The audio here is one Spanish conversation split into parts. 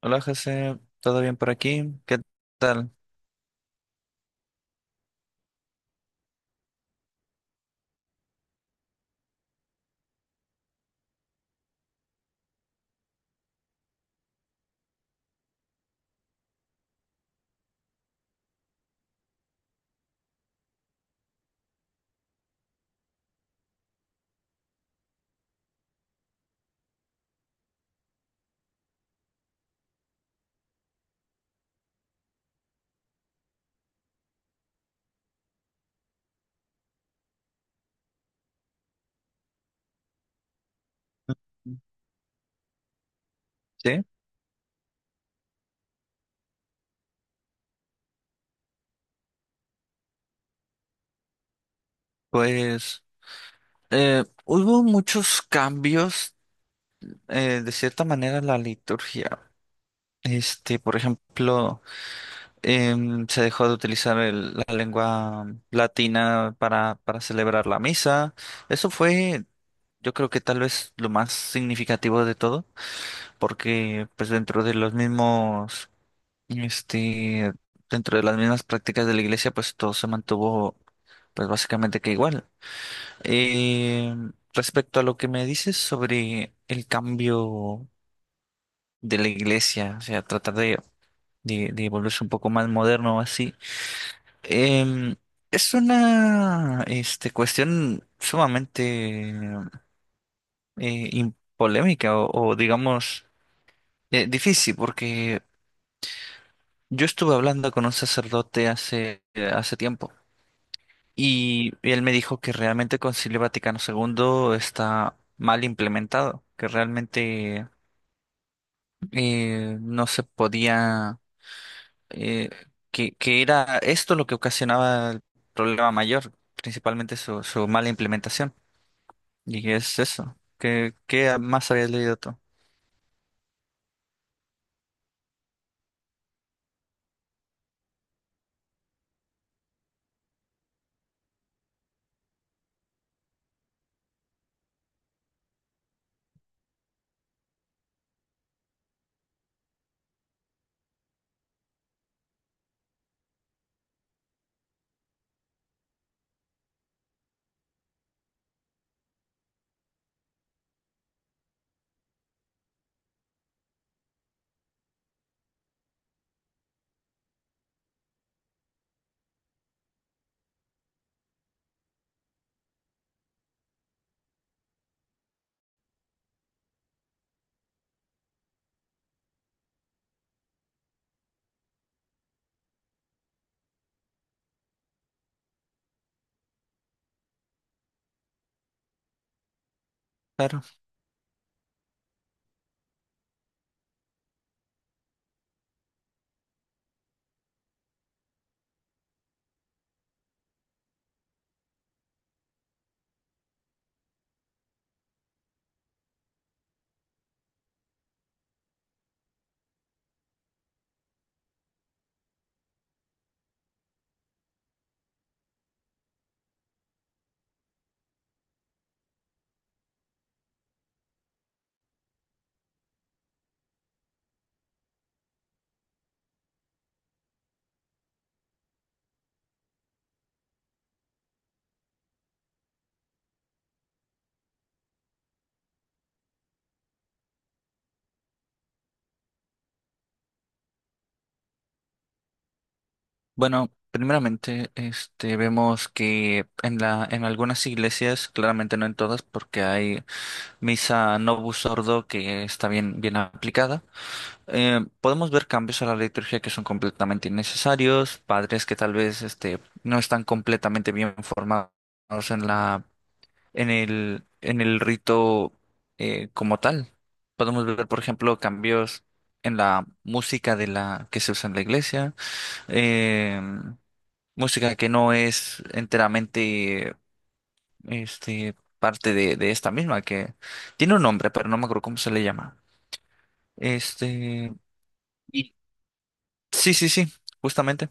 Hola, José, ¿todo bien por aquí? ¿Qué tal? Mm. Sí, pues hubo muchos cambios de cierta manera en la liturgia. Este, por ejemplo, se dejó de utilizar la lengua latina para celebrar la misa. Eso fue, yo creo que tal vez lo más significativo de todo, porque pues dentro de los mismos... Este, dentro de las mismas prácticas de la iglesia, pues todo se mantuvo, pues básicamente que igual. Eh, Respecto a lo que me dices sobre el cambio de la iglesia, o sea, tratar de volverse un poco más moderno o así, em, es una, este, cuestión sumamente polémica o digamos difícil, porque yo estuve hablando con un sacerdote hace tiempo. Y él me dijo que realmente el Concilio Vaticano segundo está mal implementado, que realmente no se podía, eh, que era esto lo que ocasionaba el problema mayor, principalmente su mala implementación. Y es eso. Qué más habías leído tú? Claro. Bueno, primeramente, este, vemos que en en algunas iglesias, claramente no en todas, porque hay misa Novus Ordo que está bien aplicada. Podemos ver cambios a la liturgia que son completamente innecesarios, padres que tal vez este, no están completamente bien formados en la, en el rito como tal. Podemos ver, por ejemplo, cambios en la música de la que se usa en la iglesia, eh, música que no es enteramente este, parte de esta misma, que tiene un nombre, pero no me acuerdo cómo se le llama. Este, sí, sí, justamente.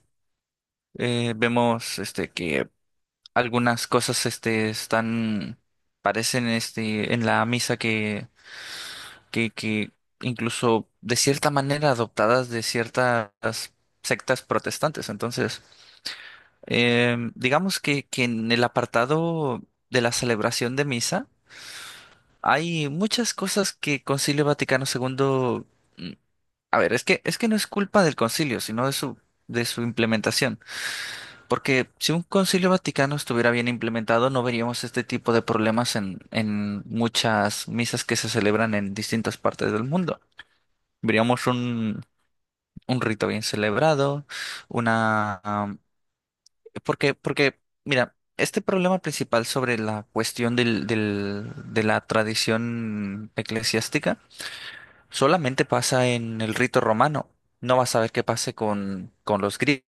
Vemos este que algunas cosas este están, parecen este en la misa que que incluso de cierta manera adoptadas de ciertas sectas protestantes. Entonces, digamos que en el apartado de la celebración de misa hay muchas cosas que Concilio Vaticano segundo... mm, a ver, es que no es culpa del concilio, sino de su, de su implementación. Porque si un Concilio Vaticano estuviera bien implementado, no veríamos este tipo de problemas en muchas misas que se celebran en distintas partes del mundo. Veríamos un rito bien celebrado, una... porque, porque, mira, este problema principal sobre la cuestión de la tradición eclesiástica solamente pasa en el rito romano. No vas a ver qué pase con los griegos,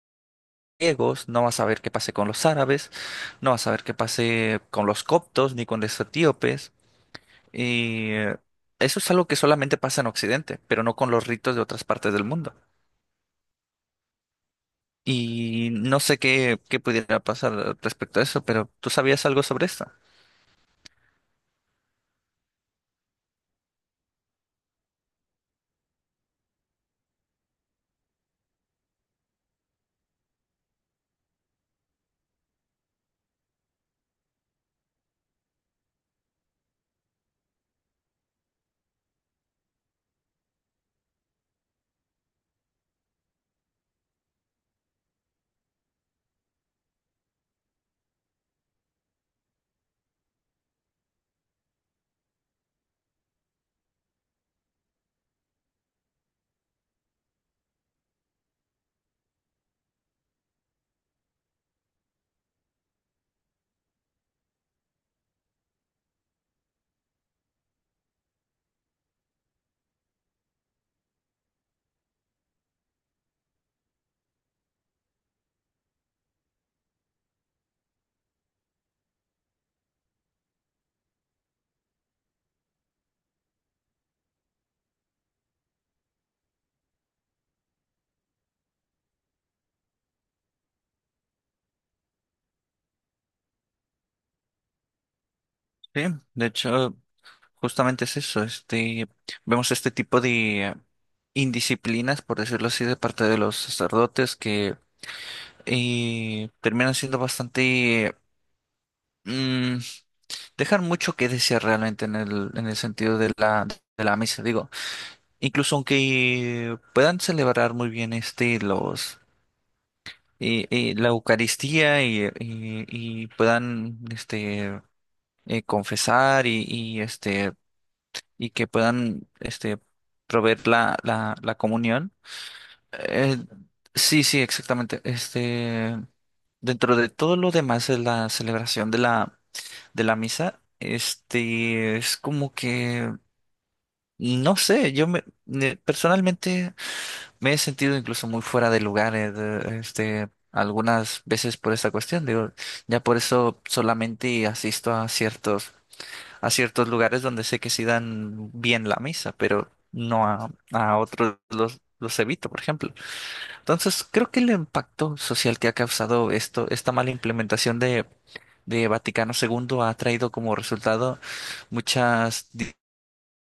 griegos, no vas a ver qué pase con los árabes, no vas a ver qué pase con los coptos ni con los etíopes. Y eso es algo que solamente pasa en Occidente, pero no con los ritos de otras partes del mundo. Y no sé qué pudiera pasar respecto a eso, pero ¿tú sabías algo sobre esto? Sí, de hecho, justamente es eso. Este, vemos este tipo de indisciplinas, por decirlo así, de parte de los sacerdotes que... y terminan siendo bastante... mm, dejan mucho que desear realmente en el sentido de la misa, digo. Incluso aunque puedan celebrar muy bien este, los, la Eucaristía y puedan este, confesar este, y que puedan este, proveer la, la, la comunión. eh, sí, sí, exactamente. Este, dentro de todo lo demás de la celebración de la, de la misa, este, es como que, no sé, personalmente me he sentido incluso muy fuera de lugar, este, algunas veces por esta cuestión, digo, ya por eso solamente asisto a ciertos lugares donde sé que sí dan bien la misa, pero no a otros los evito, por ejemplo. Entonces, creo que el impacto social que ha causado esto, esta mala implementación de Vaticano segundo ha traído como resultado muchas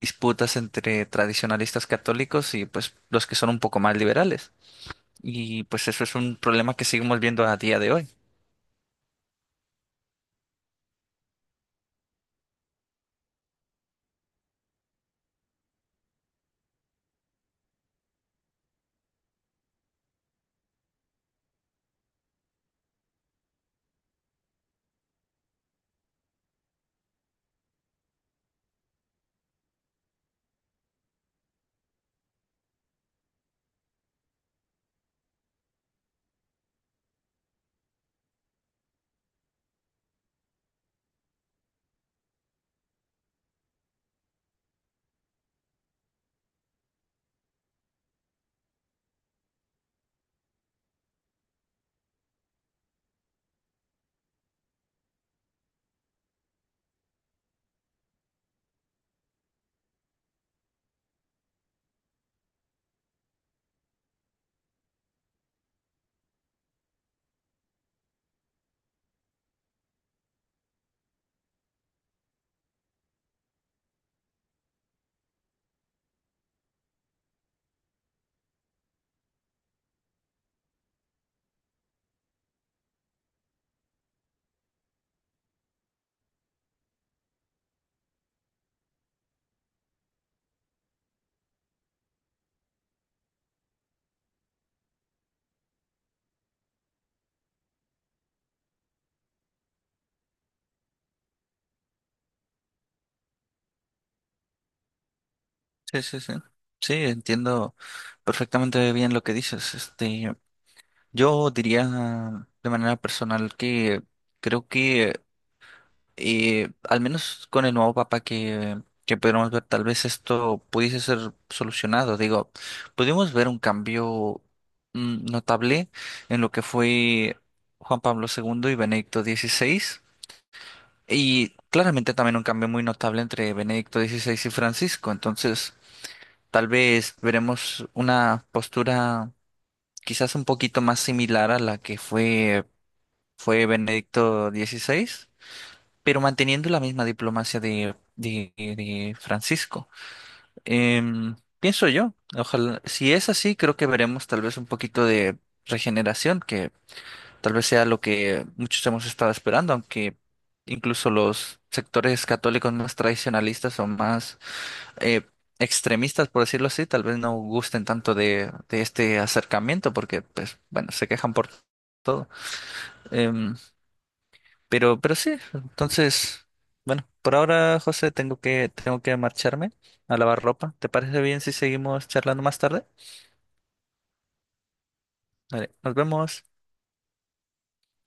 disputas entre tradicionalistas católicos y pues los que son un poco más liberales. Y pues eso es un problema que seguimos viendo a día de hoy. Sí, sí, sí. Sí, entiendo perfectamente bien lo que dices. Este, yo diría de manera personal que creo que al menos con el nuevo papa que pudiéramos ver, tal vez esto pudiese ser solucionado. Digo, pudimos ver un cambio notable en lo que fue Juan Pablo segundo y Benedicto XVI, y claramente también un cambio muy notable entre Benedicto XVI y Francisco. Entonces, tal vez veremos una postura quizás un poquito más similar a la que fue Benedicto XVI, pero manteniendo la misma diplomacia de Francisco. Pienso yo, ojalá, si es así, creo que veremos tal vez un poquito de regeneración, que tal vez sea lo que muchos hemos estado esperando, aunque incluso los sectores católicos más tradicionalistas o más eh, extremistas, por decirlo así, tal vez no gusten tanto de este acercamiento, porque, pues, bueno, se quejan por todo. Em, pero sí, entonces, bueno, por ahora, José, tengo tengo que marcharme a lavar ropa. ¿Te parece bien si seguimos charlando más tarde? Vale, nos vemos.